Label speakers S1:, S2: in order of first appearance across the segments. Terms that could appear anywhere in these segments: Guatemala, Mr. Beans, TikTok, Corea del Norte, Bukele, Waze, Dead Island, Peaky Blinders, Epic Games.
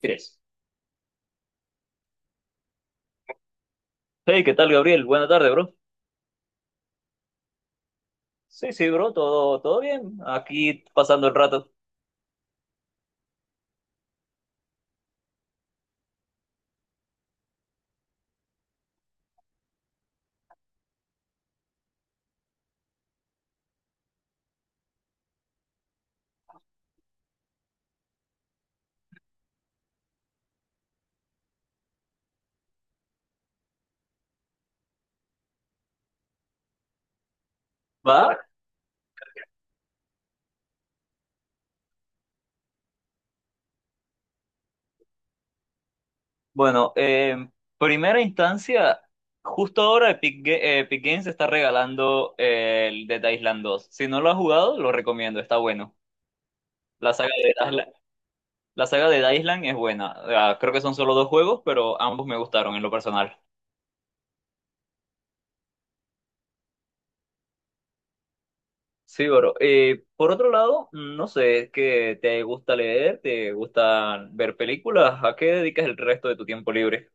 S1: Tres. Hey, ¿qué tal, Gabriel? Buena tarde, bro. Sí, sí, bro, todo bien. Aquí pasando el rato. ¿Va? Bueno, en primera instancia, justo ahora Epic Games está regalando el Dead Island dos. Si no lo has jugado, lo recomiendo, está bueno. La saga de Dead Island, la saga de Dead Island es buena. Ah, creo que son solo dos juegos, pero ambos me gustaron en lo personal. Sí, bro. Por otro lado, no sé, es que te gusta leer, te gusta ver películas, ¿a qué dedicas el resto de tu tiempo libre?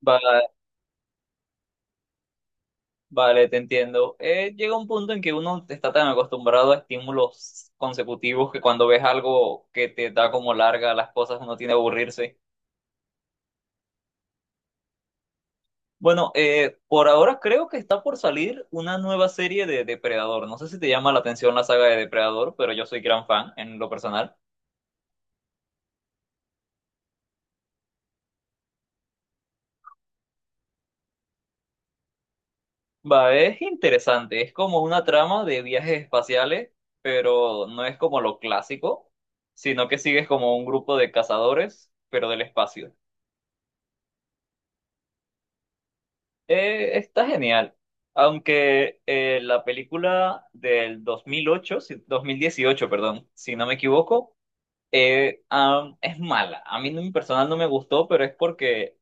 S1: Va- Vale, te entiendo. Llega un punto en que uno está tan acostumbrado a estímulos consecutivos que cuando ves algo que te da como larga las cosas, uno tiene que aburrirse. Bueno, por ahora creo que está por salir una nueva serie de Depredador. No sé si te llama la atención la saga de Depredador, pero yo soy gran fan en lo personal. Va, es interesante, es como una trama de viajes espaciales, pero no es como lo clásico, sino que sigues como un grupo de cazadores, pero del espacio. Está genial, aunque la película del 2008, si- 2018, perdón, si no me equivoco, es mala. A mí en personal no me gustó, pero es porque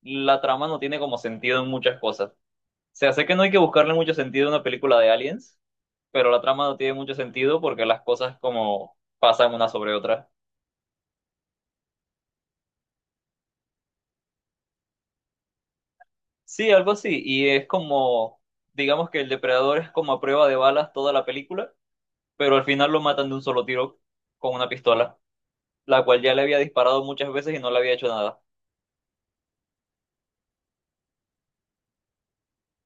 S1: la trama no tiene como sentido en muchas cosas. Sea, sé que no hay que buscarle mucho sentido a una película de aliens, pero la trama no tiene mucho sentido porque las cosas como pasan una sobre otra. Sí, algo así, y es como, digamos que el depredador es como a prueba de balas toda la película, pero al final lo matan de un solo tiro con una pistola, la cual ya le había disparado muchas veces y no le había hecho nada.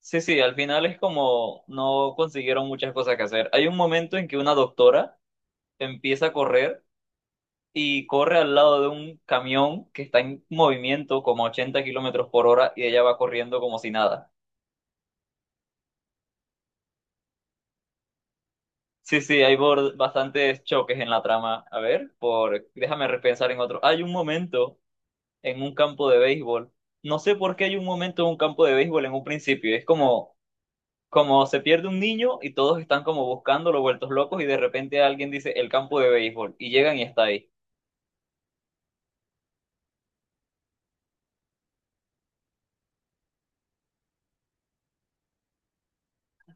S1: Sí, sí, al final es como no consiguieron muchas cosas que hacer. Hay un momento en que una doctora empieza a correr y corre al lado de un camión que está en movimiento como a 80 kilómetros por hora y ella va corriendo como si nada. Sí, sí, hay bastantes choques en la trama. A ver, por, déjame repensar en otro. Hay un momento en un campo de béisbol. No sé por qué hay un momento en un campo de béisbol en un principio. Es como, como se pierde un niño y todos están como buscándolo, vueltos locos, y de repente alguien dice el campo de béisbol y llegan y está ahí.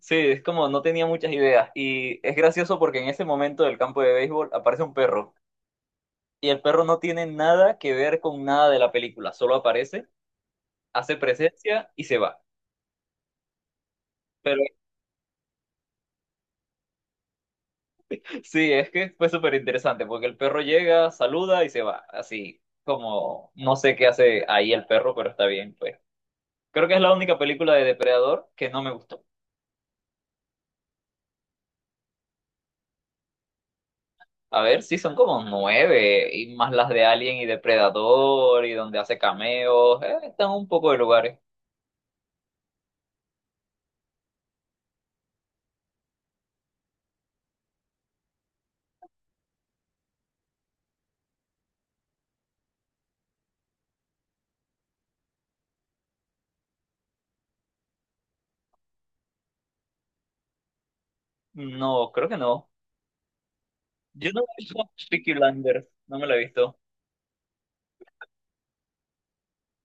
S1: Sí, es como no tenía muchas ideas. Y es gracioso porque en ese momento del campo de béisbol aparece un perro. Y el perro no tiene nada que ver con nada de la película. Solo aparece, hace presencia y se va. Pero sí, es que fue súper interesante porque el perro llega, saluda y se va. Así como no sé qué hace ahí el perro, pero está bien, pues. Creo que es la única película de Depredador que no me gustó. A ver, sí, son como nueve y más las de Alien y Depredador y donde hace cameos. Están un poco de lugares. No, creo que no. Yo no he visto Peaky Blinders, no me la he visto.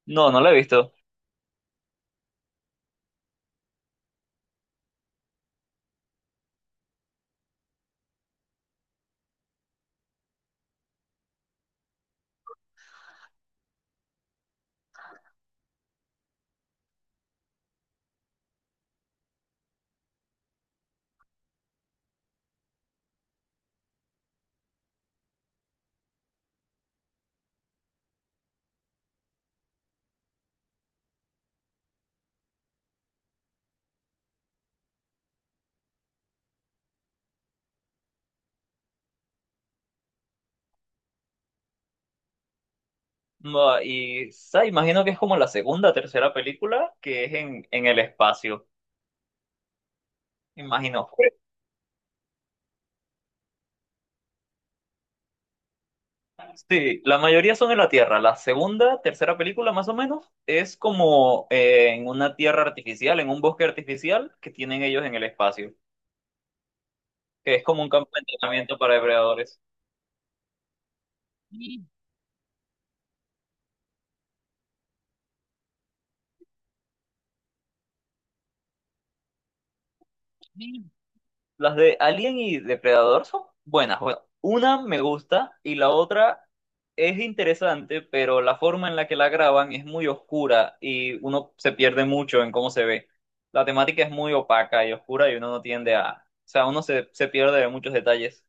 S1: No, no la he visto. No, y sa, imagino que es como la segunda, tercera película que es en el espacio. Imagino. Sí, la mayoría son en la Tierra. La segunda, tercera película más o menos es como en una tierra artificial, en un bosque artificial que tienen ellos en el espacio, que es como un campo de entrenamiento para depredadores. Las de Alien y Depredador son buenas. Bueno, una me gusta y la otra es interesante, pero la forma en la que la graban es muy oscura y uno se pierde mucho en cómo se ve. La temática es muy opaca y oscura y uno no tiende a... O sea, uno se pierde de muchos detalles.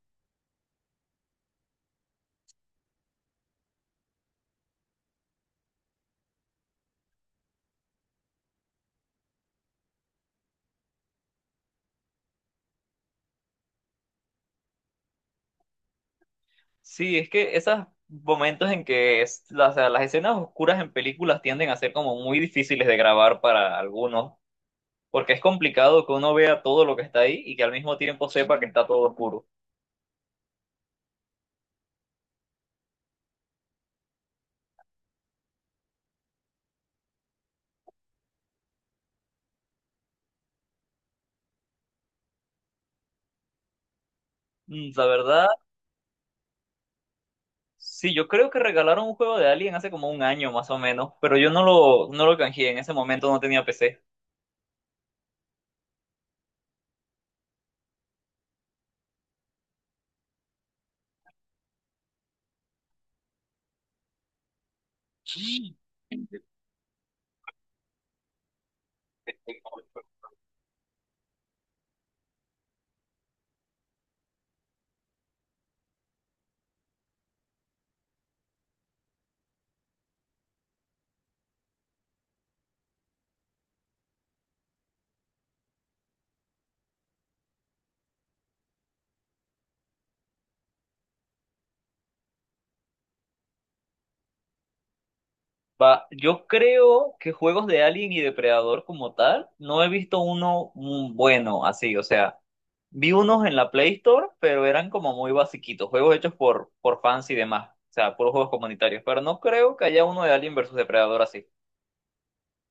S1: Sí, es que esos momentos en que o sea, las escenas oscuras en películas tienden a ser como muy difíciles de grabar para algunos, porque es complicado que uno vea todo lo que está ahí y que al mismo tiempo sepa que está todo oscuro. Mm, la verdad, sí, yo creo que regalaron un juego de Alien hace como un año más o menos, pero yo no lo canjeé, en ese momento no tenía PC. Va, yo creo que juegos de Alien y Depredador como tal, no he visto uno, bueno, así, o sea, vi unos en la Play Store, pero eran como muy basiquitos, juegos hechos por fans y demás, o sea, puros juegos comunitarios, pero no creo que haya uno de Alien versus Depredador así.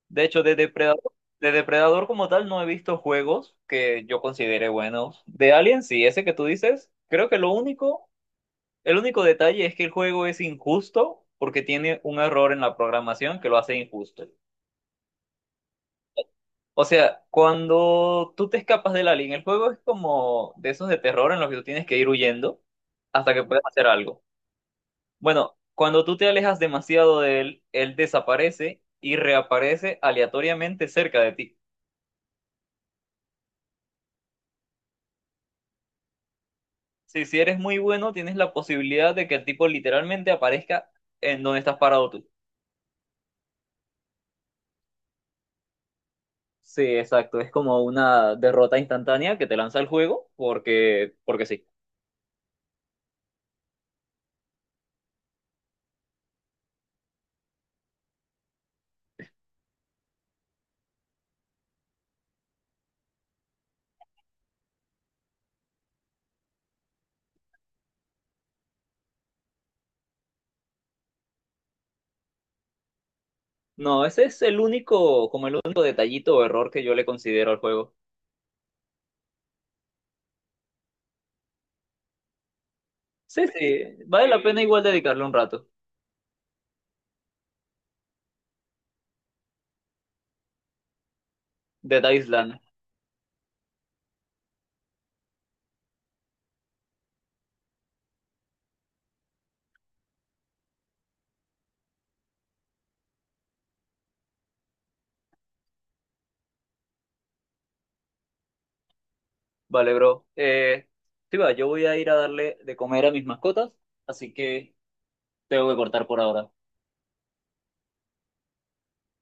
S1: De hecho, de Depredador como tal no he visto juegos que yo considere buenos. De Alien, sí, ese que tú dices, creo que lo único, el único detalle es que el juego es injusto porque tiene un error en la programación que lo hace injusto. O sea, cuando tú te escapas del alien, el juego es como de esos de terror en los que tú tienes que ir huyendo hasta que puedas hacer algo. Bueno, cuando tú te alejas demasiado de él, él desaparece y reaparece aleatoriamente cerca de ti. Si si eres muy bueno, tienes la posibilidad de que el tipo literalmente aparezca en donde estás parado tú. Sí, exacto. Es como una derrota instantánea que te lanza el juego porque, porque sí. No, ese es el único, como el único detallito o error que yo le considero al juego. Sí, sí, vale la pena igual dedicarle un rato. Dead Island. Vale, bro. Sí, va, yo voy a ir a darle de comer a mis mascotas, así que tengo que cortar por ahora.